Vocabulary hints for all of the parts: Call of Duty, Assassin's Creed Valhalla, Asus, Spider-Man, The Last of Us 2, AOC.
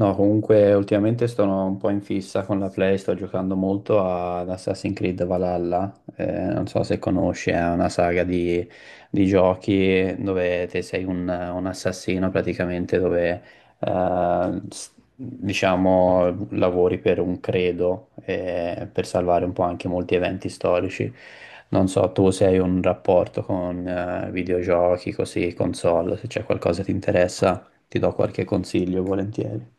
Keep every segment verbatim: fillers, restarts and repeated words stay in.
No, comunque ultimamente sono un po' in fissa con la Play, sto giocando molto ad Assassin's Creed Valhalla, eh, non so se conosci, è una saga di, di giochi dove te sei un, un assassino praticamente, dove eh, s- diciamo lavori per un credo eh, per salvare un po' anche molti eventi storici. Non so, tu se hai un rapporto con eh, videogiochi, così, console, se c'è qualcosa che ti interessa, ti do qualche consiglio volentieri.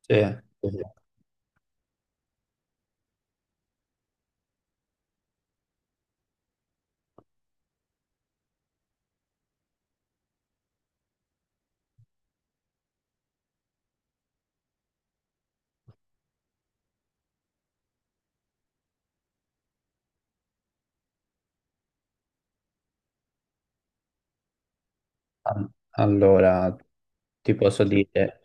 Sì, sì, sì. Allora, ti posso dire,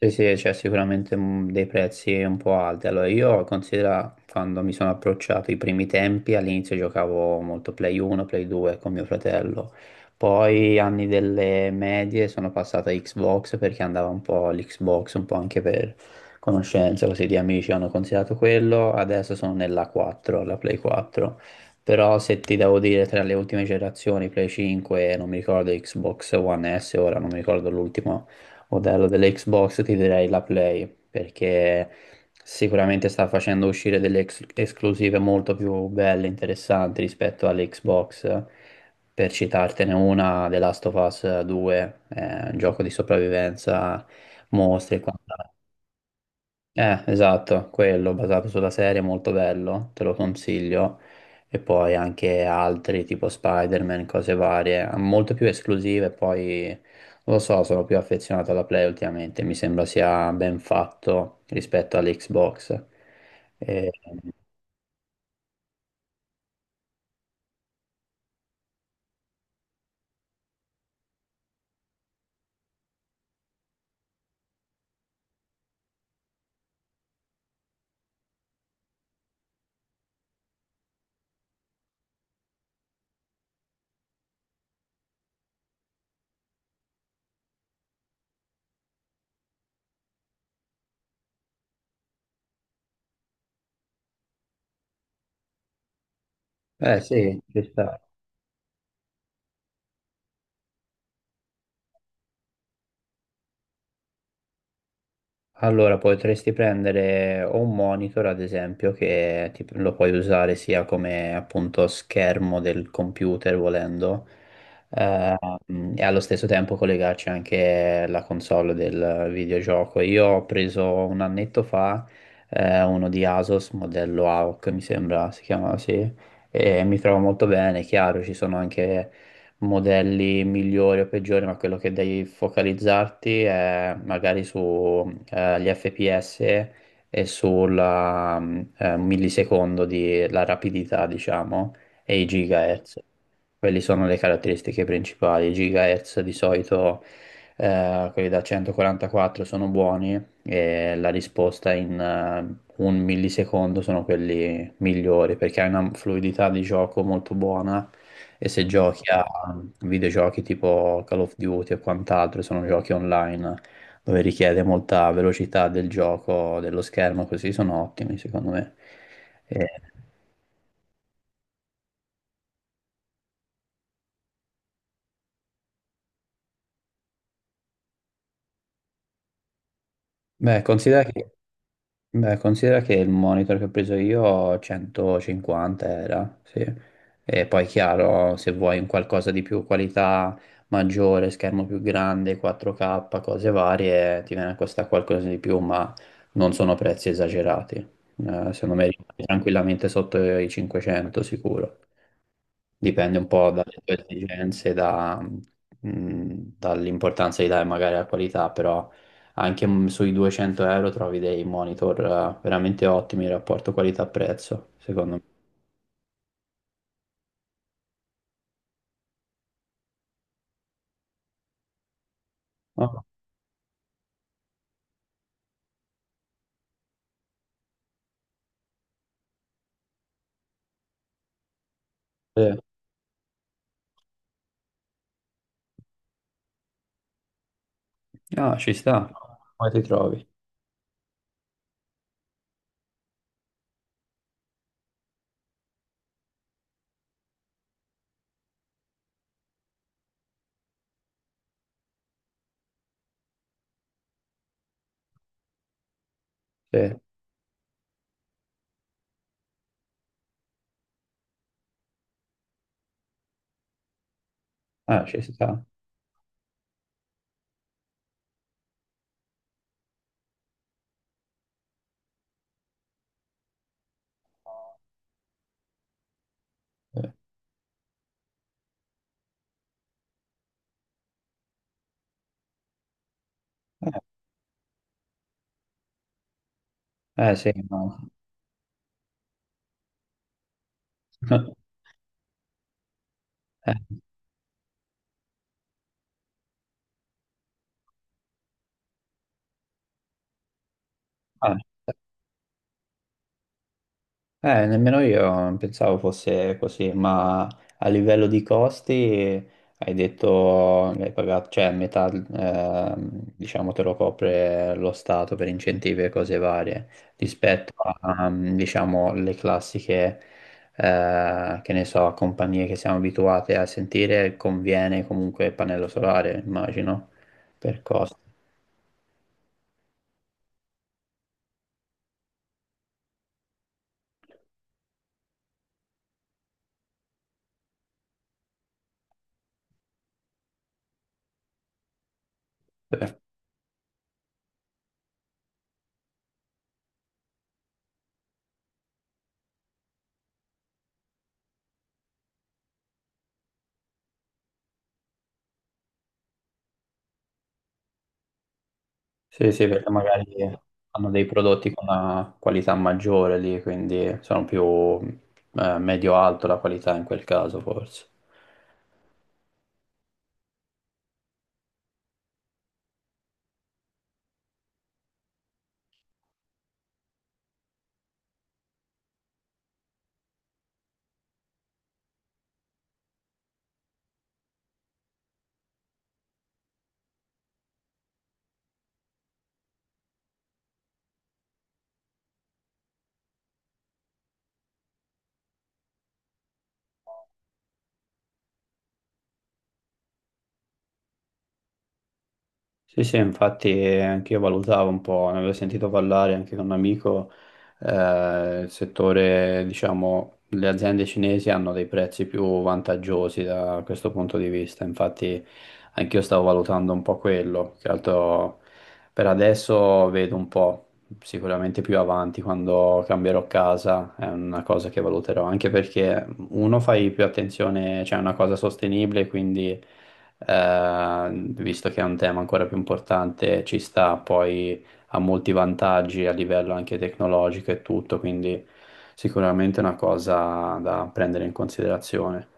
sì, sì, c'è sicuramente mm, dei prezzi un po' alti. Allora, io considero quando mi sono approcciato i primi tempi, all'inizio giocavo molto Play uno, Play due con mio fratello. Poi anni delle medie sono passato a Xbox perché andava un po' l'Xbox, un po' anche per conoscenza, così di amici hanno considerato quello. Adesso sono nella quattro, la Play quattro. Però se ti devo dire tra le ultime generazioni, Play cinque, non mi ricordo Xbox One S, ora non mi ricordo l'ultimo modello dell'Xbox, ti direi la Play, perché sicuramente sta facendo uscire delle ex- esclusive molto più belle, interessanti rispetto all'Xbox. Per citartene una, The Last of Us due, è un gioco di sopravvivenza, mostri e quant'altro. Eh, esatto, quello basato sulla serie, è molto bello, te lo consiglio. E poi anche altri tipo Spider-Man, cose varie, molto più esclusive. Poi non lo so, sono più affezionato alla Play ultimamente. Mi sembra sia ben fatto rispetto all'Xbox. E- eh sì, ci sta. Allora, potresti prendere o un monitor, ad esempio, che ti- lo puoi usare sia come appunto schermo del computer volendo, eh, e allo stesso tempo collegarci anche la console del videogioco. Io ho preso un annetto fa, eh, uno di Asus, modello A O C, mi sembra si chiama, sì, e mi trovo molto bene, chiaro, ci sono anche modelli migliori o peggiori, ma quello che devi focalizzarti è magari sugli F P S e sul millisecondo di la rapidità, diciamo, e i gigahertz. Quelle sono le caratteristiche principali. I gigahertz di solito, eh, quelli da centoquarantaquattro sono buoni e la risposta in eh, un millisecondo sono quelli migliori perché hai una fluidità di gioco molto buona e se giochi a mm, videogiochi tipo Call of Duty o quant'altro, sono giochi online dove richiede molta velocità del gioco, dello schermo, così sono ottimi secondo me. E- beh, considera che beh, considera che il monitor che ho preso io centocinquanta era, sì. E poi chiaro, se vuoi un qualcosa di più, qualità maggiore, schermo più grande, quattro K, cose varie, ti viene a costare qualcosa di più, ma non sono prezzi esagerati. Eh, secondo me rimani tranquillamente sotto i cinquecento sicuro. Dipende un po dalle tue esigenze, da- mh, dall'importanza di dare magari alla qualità, però anche mh, sui duecento euro trovi dei monitor eh, veramente ottimi in rapporto qualità-prezzo, secondo me. Oh, sì. Ah, ci sta. Come ti trovi? Sì. Ah, ci sta. Sì. Eh, eh, sì, ma... Eh, ah. Eh, nemmeno io non pensavo fosse così, ma a livello di costi eh, hai detto che hai pagato, cioè metà, ehm, diciamo, te lo copre lo Stato per incentivi e cose varie, rispetto a, ehm, diciamo, le classiche, eh, che ne so, compagnie che siamo abituate a sentire, conviene comunque il pannello solare, immagino, per costi. Sì, sì, perché magari hanno dei prodotti con una qualità maggiore lì, quindi sono più eh, medio-alto la qualità in quel caso, forse. Sì, sì, infatti eh, anche io valutavo un po', ne avevo sentito parlare anche con un amico, eh, il settore, diciamo, le aziende cinesi hanno dei prezzi più vantaggiosi da questo punto di vista, infatti anche io stavo valutando un po' quello, che altro per adesso vedo un po', sicuramente più avanti quando cambierò casa è una cosa che valuterò, anche perché uno fai più attenzione, cioè è una cosa sostenibile, quindi eh, visto che è un tema ancora più importante, ci sta, poi ha molti vantaggi a livello anche tecnologico e tutto, quindi sicuramente è una cosa da prendere in considerazione.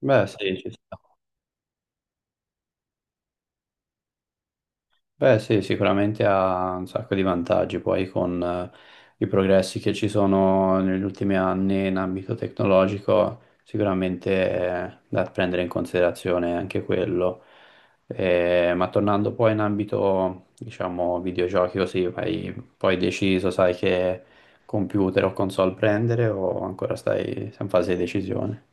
Beh, sì, ci sta. Beh, sì, sicuramente ha un sacco di vantaggi poi con eh, i progressi che ci sono negli ultimi anni in ambito tecnologico, sicuramente è da prendere in considerazione anche quello. Eh, ma tornando poi in ambito, diciamo, videogiochi così, hai poi deciso, sai che computer o console prendere o ancora stai in fase di decisione?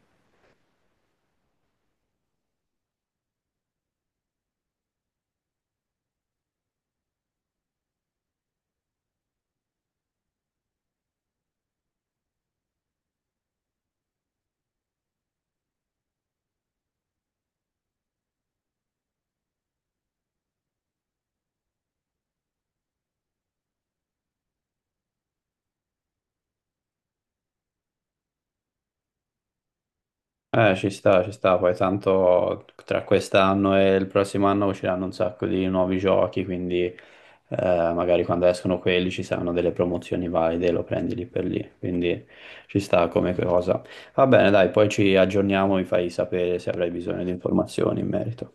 Eh, ci sta, ci sta, poi tanto tra quest'anno e il prossimo anno usciranno un sacco di nuovi giochi, quindi eh, magari quando escono quelli ci saranno delle promozioni valide, lo prendi lì per lì, quindi ci sta come cosa. Va bene, dai, poi ci aggiorniamo, mi fai sapere se avrai bisogno di informazioni in merito.